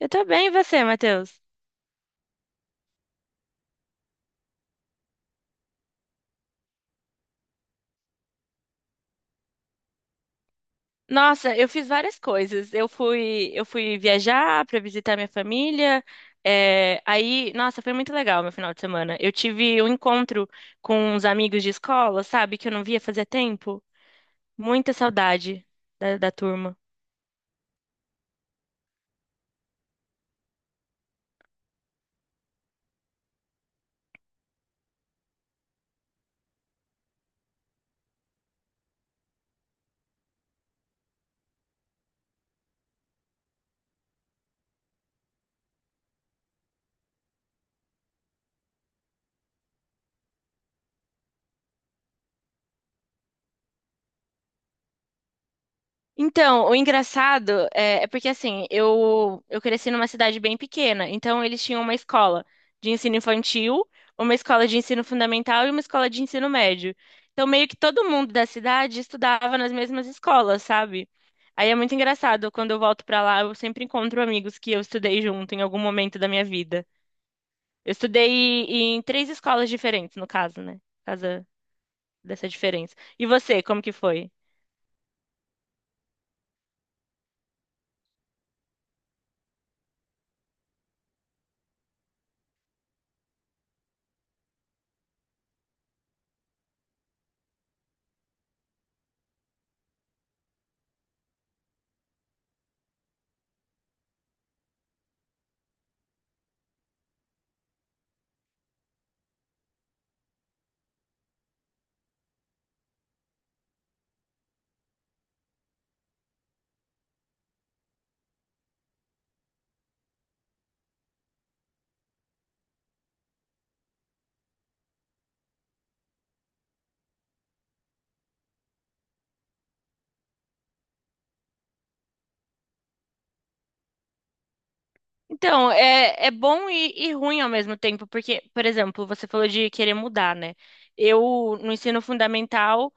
Eu tô bem, e você, Matheus? Nossa, eu fiz várias coisas. Eu fui viajar pra visitar minha família. Nossa, foi muito legal meu final de semana. Eu tive um encontro com uns amigos de escola, sabe, que eu não via fazia tempo. Muita saudade da turma. Então, o engraçado é porque assim, eu cresci numa cidade bem pequena, então eles tinham uma escola de ensino infantil, uma escola de ensino fundamental e uma escola de ensino médio. Então, meio que todo mundo da cidade estudava nas mesmas escolas, sabe? Aí é muito engraçado, quando eu volto pra lá, eu sempre encontro amigos que eu estudei junto em algum momento da minha vida. Eu estudei em três escolas diferentes, no caso, né? Por causa dessa diferença. E você, como que foi? Então, é bom e ruim ao mesmo tempo, porque, por exemplo, você falou de querer mudar, né? Eu, no ensino fundamental,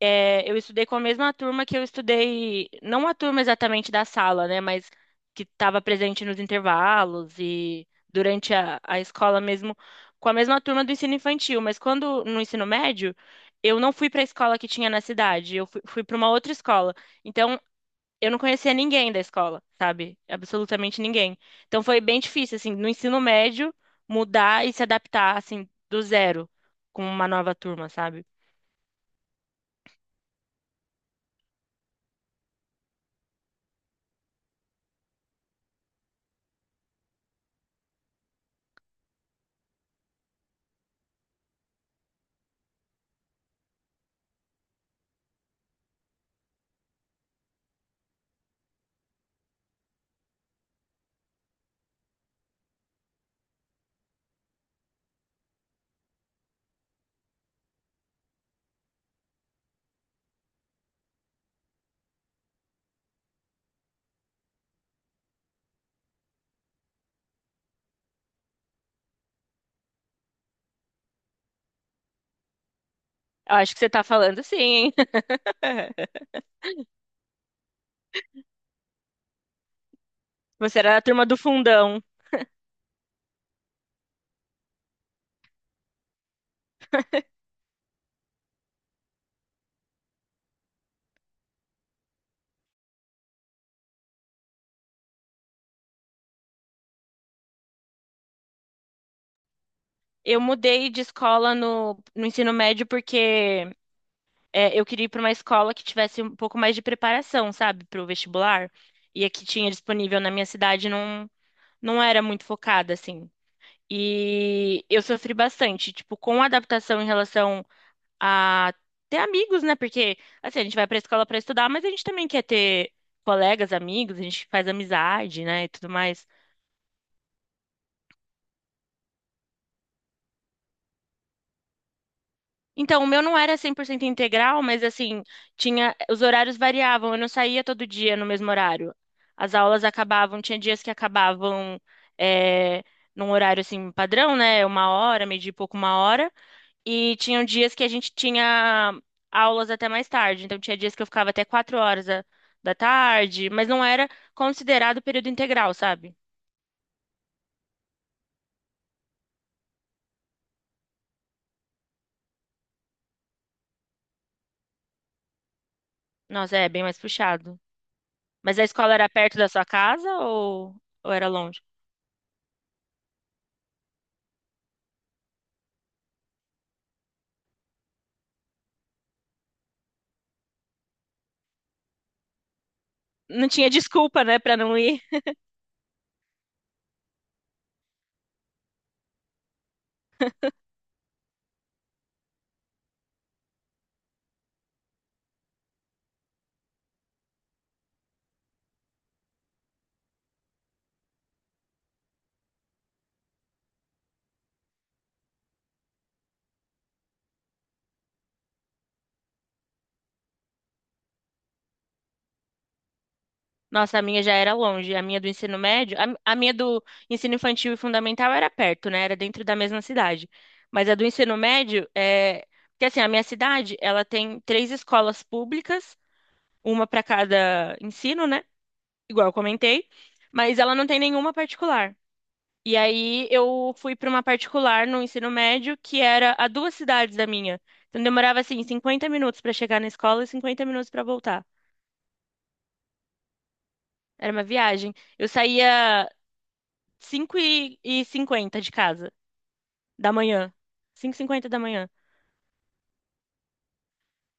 eu estudei com a mesma turma que eu estudei, não a turma exatamente da sala, né? Mas que estava presente nos intervalos e durante a escola mesmo, com a mesma turma do ensino infantil. Mas quando, no ensino médio, eu não fui para a escola que tinha na cidade, eu fui para uma outra escola. Então, eu não conhecia ninguém da escola, sabe? Absolutamente ninguém. Então foi bem difícil, assim, no ensino médio, mudar e se adaptar, assim, do zero com uma nova turma, sabe? Eu acho que você tá falando sim, hein? Você era da turma do fundão. Eu mudei de escola no ensino médio porque eu queria ir para uma escola que tivesse um pouco mais de preparação, sabe, para o vestibular. E a que tinha disponível na minha cidade não era muito focada, assim. E eu sofri bastante, tipo, com a adaptação em relação a ter amigos, né? Porque, assim, a gente vai pra escola pra estudar, mas a gente também quer ter colegas, amigos, a gente faz amizade, né? E tudo mais. Então, o meu não era 100% integral, mas, assim, tinha, os horários variavam, eu não saía todo dia no mesmo horário. As aulas acabavam, tinha dias que acabavam, é, num horário, assim, padrão, né? Uma hora, meio dia e pouco, uma hora. E tinham dias que a gente tinha aulas até mais tarde. Então, tinha dias que eu ficava até 4 horas da tarde, mas não era considerado período integral, sabe? Nossa, é bem mais puxado. Mas a escola era perto da sua casa ou era longe? Não tinha desculpa, né, pra não ir. Nossa, a minha já era longe. A minha do ensino médio, a minha do ensino infantil e fundamental era perto, né? Era dentro da mesma cidade. Mas a do ensino médio é. Porque assim, a minha cidade, ela tem três escolas públicas uma para cada ensino, né? Igual eu comentei, mas ela não tem nenhuma particular. E aí eu fui para uma particular no ensino médio que era a duas cidades da minha. Então demorava assim 50 minutos para chegar na escola e 50 minutos para voltar. Era uma viagem. Eu saía 5:50 de casa da manhã. 5:50 da manhã.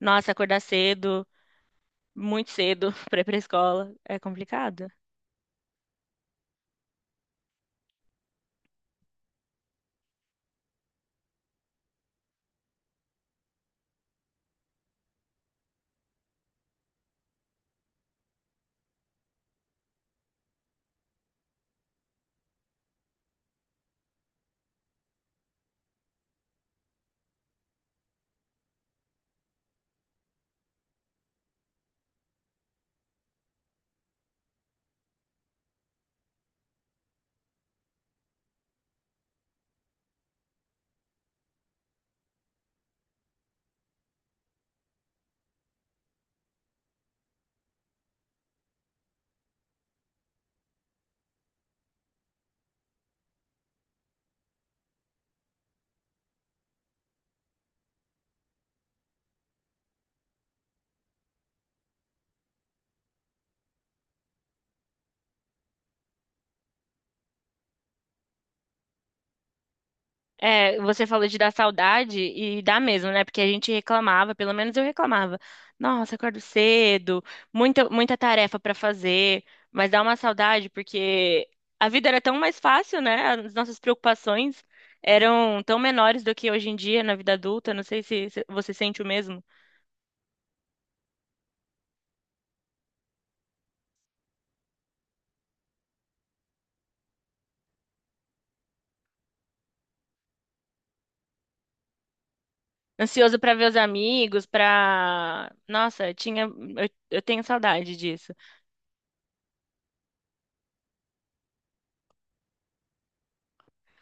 Nossa, acordar cedo, muito cedo para ir para escola é complicado. É, você falou de dar saudade e dá mesmo, né? Porque a gente reclamava, pelo menos eu reclamava. Nossa, acordo cedo, muita tarefa pra fazer, mas dá uma saudade porque a vida era tão mais fácil, né? As nossas preocupações eram tão menores do que hoje em dia na vida adulta. Não sei se você sente o mesmo. Ansioso pra ver os amigos, pra. Nossa, tinha, eu tenho saudade disso.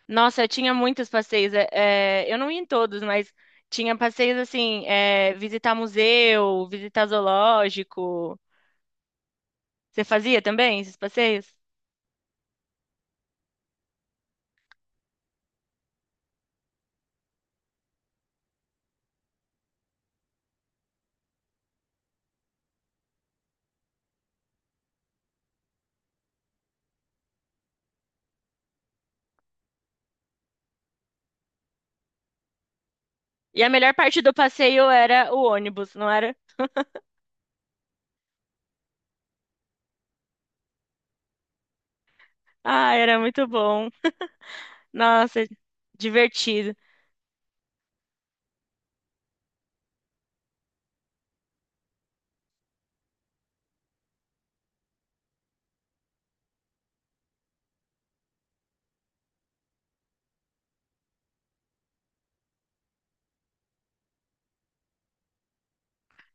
Nossa, eu tinha muitos passeios. Eu não ia em todos, mas tinha passeios assim, visitar museu, visitar zoológico. Você fazia também esses passeios? E a melhor parte do passeio era o ônibus, não era? Ah, era muito bom. Nossa, divertido.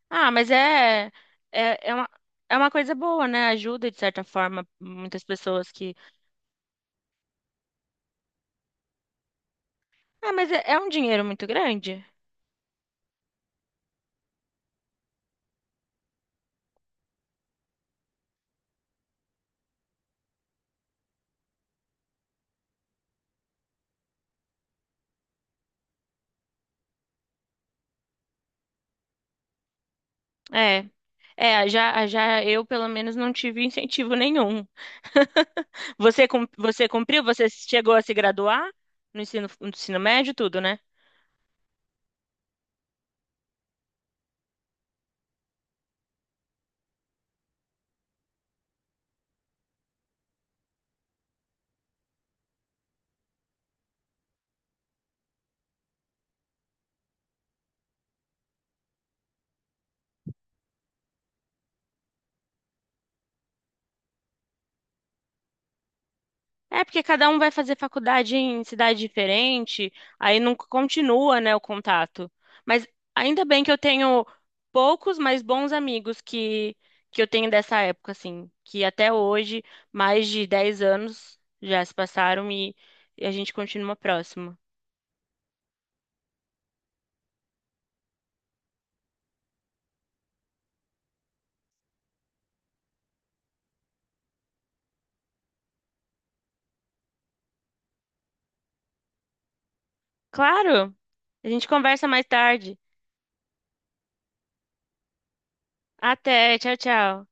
Ah, mas é, é uma coisa boa, né? Ajuda, de certa forma, muitas pessoas que. Ah, mas é é um dinheiro muito grande? É. É, já, já eu pelo menos não tive incentivo nenhum. Você cumpriu? Você chegou a se graduar no ensino, no ensino médio, tudo, né? É, porque cada um vai fazer faculdade em cidade diferente, aí não continua, né, o contato. Mas ainda bem que eu tenho poucos, mas bons amigos que eu tenho dessa época, assim, que até hoje, mais de 10 anos já se passaram e a gente continua próximo. Claro! A gente conversa mais tarde. Até, tchau, tchau.